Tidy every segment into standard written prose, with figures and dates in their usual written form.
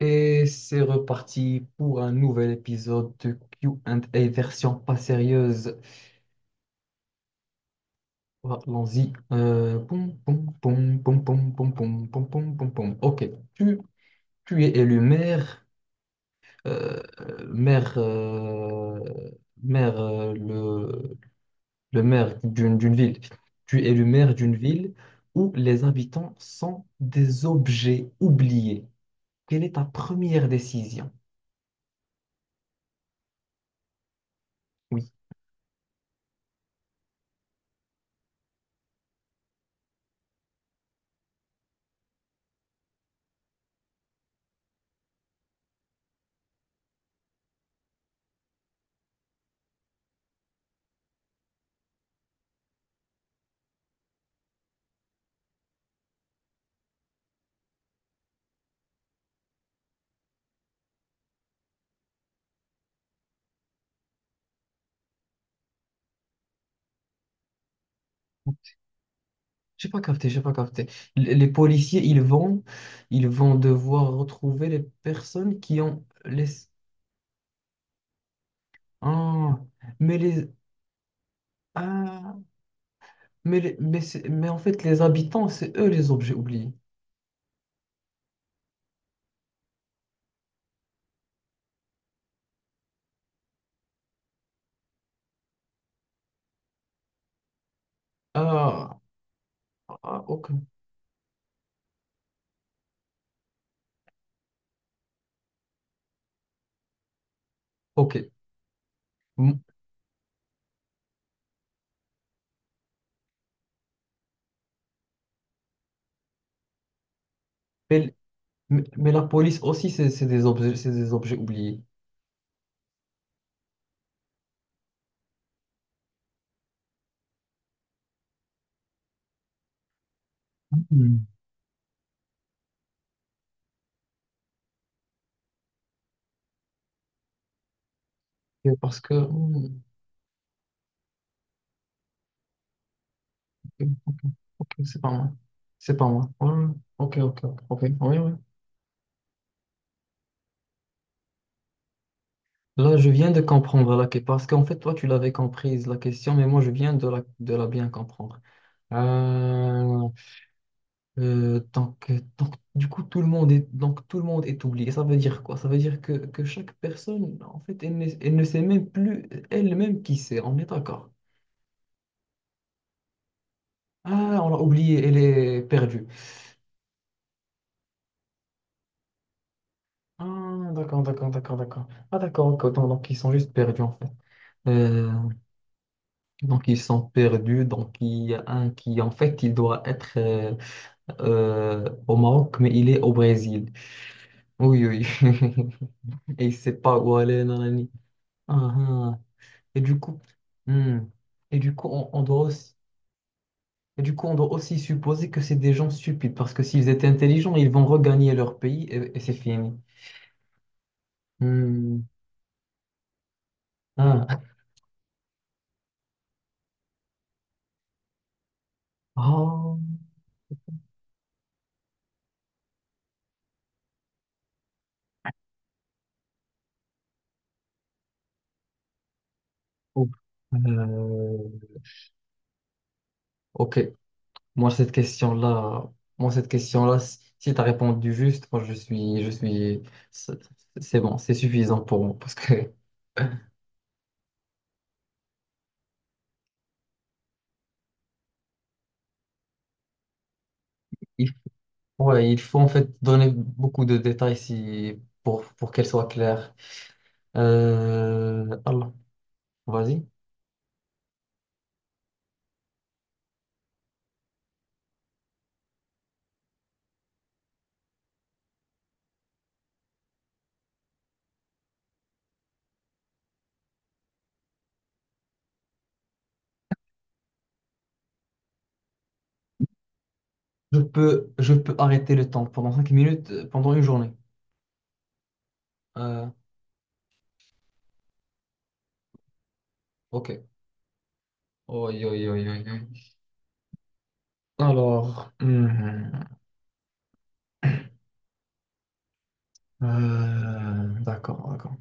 Et c'est reparti pour un nouvel épisode de Q and A version pas sérieuse. Voilà, allons-y. Pom pom pom pom pom pom pom pom pom, poum, poum. Ok, tu, tu es élu maire. euh, maire, euh, maire euh, le, le maire d'une ville. Tu es élu maire d'une ville où les habitants sont des objets oubliés. Quelle est ta première décision? Oui. J'ai pas capté. Les policiers, ils vont devoir retrouver les personnes qui ont les... Ah, mais les... Ah, mais en fait, les habitants, c'est eux les objets oubliés. Ah, ah, ok, ok. M- Mais, mais la police aussi, c'est des objets oubliés. Hmm. Et parce que... ok, ok, ok, c'est pas moi. C'est pas moi. Ouais, ouais, ok, ok, ok, ok. Oui, oui. Là, je viens de comprendre la question, parce qu'en fait, toi, tu l'avais comprise, la question, mais moi, je viens de de la bien comprendre. Euh, donc, du coup, tout le monde est, donc, tout le monde est oublié. Ça veut dire quoi? Ça veut dire que, chaque personne, en fait, elle ne sait même plus elle-même qui c'est. On est d'accord. Ah, on l'a oublié, elle est perdue. Ah, d'accord, d'accord, d'accord, d'accord. Ah, d'accord, ok, autant, donc, ils sont juste perdus, en fait. Euh, donc, ils sont perdus, donc, il y a un qui, en fait, au Maroc, mais il est au Brésil. Oui, oui. Et il sait pas où aller, nanani. Ah, ah. Et du coup, hmm. Et du coup, on doit aussi, on doit aussi supposer que c'est des gens stupides, parce que s'ils étaient intelligents, ils vont regagner leur pays et c'est fini. Hmm. Ah. Oh. Oh. Euh, Ok. Moi, cette question-là, Moi, cette question-là, si tu as répondu juste, je suis, c'est c'est bon, c'est suffisant pour moi, parce que... Il faut, ouais, il faut en fait donner beaucoup de détails si, pour qu'elle soit claire. Allah, vas-y. Je peux arrêter le temps pendant 5 minutes, pendant une journée. Euh, ok. Oi, oi, oi, oi, oi. Alors, d'accord, d'accord.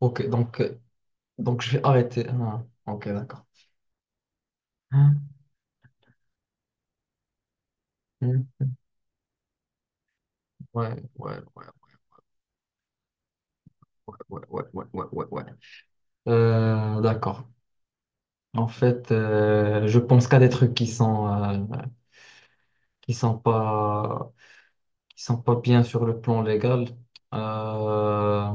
Ok, donc je vais arrêter. Ah, ok, d'accord. Hum, hum, ouais, ouais, ouais, ouais, ouais, ouais, ouais, ouais, ouais, ouais. D'accord. En fait, je pense qu'à des trucs qui sont pas qui sont pas bien sur le plan légal. Euh,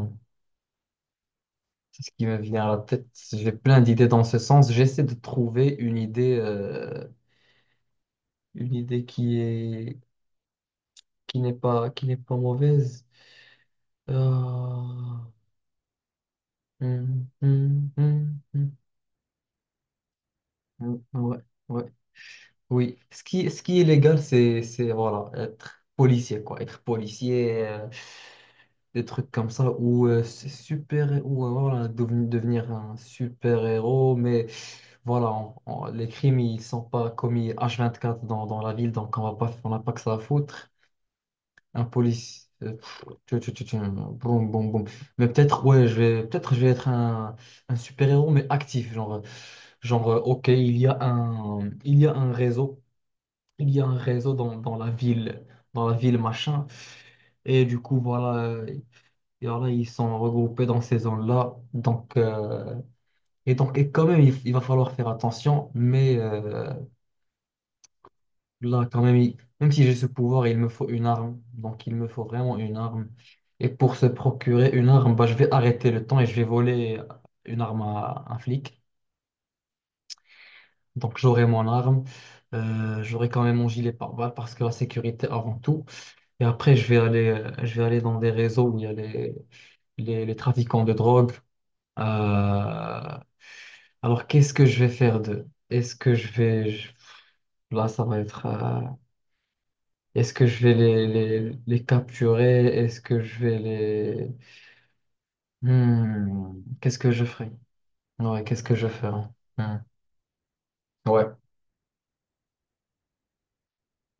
c'est ce qui me vient à la tête. J'ai plein d'idées dans ce sens. J'essaie de trouver une idée qui n'est pas qui n'est pas mauvaise. Euh, hum, hum, hum, hum, ouais, ouais, oui. Ce qui est légal, c'est voilà être policier quoi, être policier. Des trucs comme ça où c'est super où voilà, devenir un super-héros, mais voilà, les crimes ils sont pas commis H24 dans la ville, donc on n'a pas que ça à foutre. Un policier, boum, boum, boum. Mais peut-être, peut-être je vais être un super-héros, mais actif, ok, il y a un réseau, il y a un réseau dans la ville machin. Et du coup, voilà, et voilà, ils sont regroupés dans ces zones-là. Et donc, et quand même, il va falloir faire attention. Mais là, quand même, même si j'ai ce pouvoir, il me faut une arme. Donc, il me faut vraiment une arme. Et pour se procurer une arme, bah, je vais arrêter le temps et je vais voler une arme à un flic. Donc, j'aurai mon arme. J'aurai quand même mon gilet pare-balles parce que la sécurité avant tout. Et après, je vais aller dans des réseaux où il y a les trafiquants de drogue. Euh, Alors, qu'est-ce que je vais faire d'eux? Est-ce que je vais... je- Là, ça va être... Est-ce que je vais les capturer? Est-ce que je vais les... Hmm, qu'est-ce que je ferai? Ouais, qu'est-ce que je ferai? Hmm, ouais,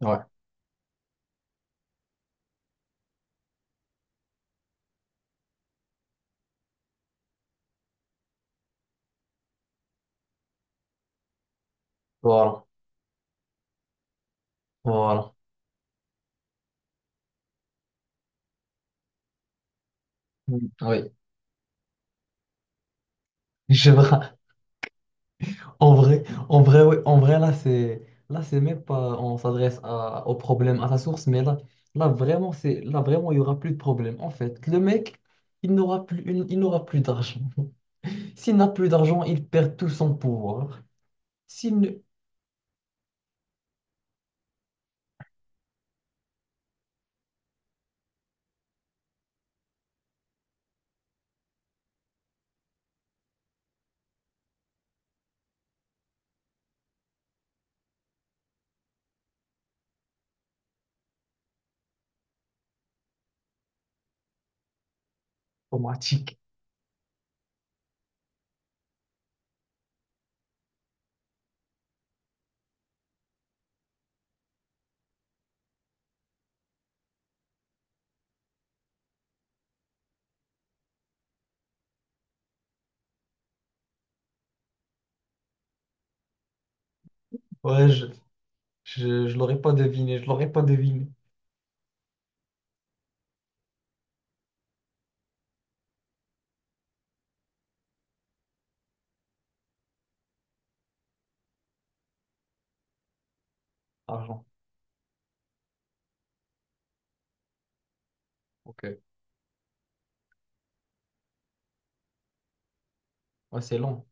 ouais. Voilà, voilà. Hmm, oui. Je vois. En vrai, en vrai, en vrai, là, c'est même pas, on s'adresse au problème, à sa source, mais là, vraiment, là, vraiment, il y aura plus de problème. En fait, le mec, il n'aura plus d'argent. S'il n'a plus d'argent, il perd tout son pouvoir. S'il ne, automatique. Ouais, je l'aurais pas deviné, je l'aurais pas deviné. Argent. Ok. Ouais, c'est long.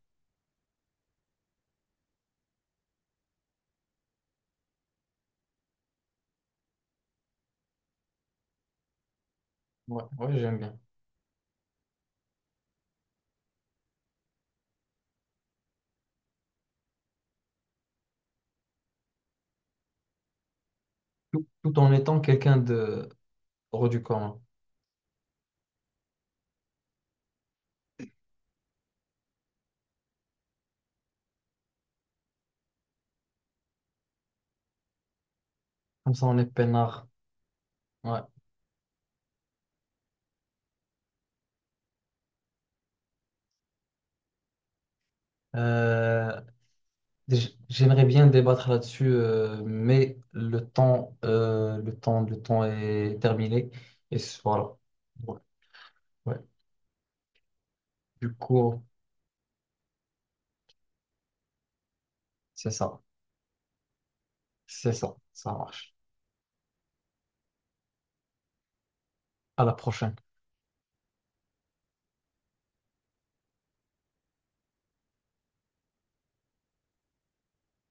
Ouais, ouais, j'aime bien. Tout, tout en étant quelqu'un de hors du commun. Comme ça, on est peinard. Ouais. Euh, J'aimerais bien débattre là-dessus, mais le temps, le temps est terminé. Voilà. Ouais, ouais. Du coup, c'est ça. C'est ça. Ça marche. À la prochaine.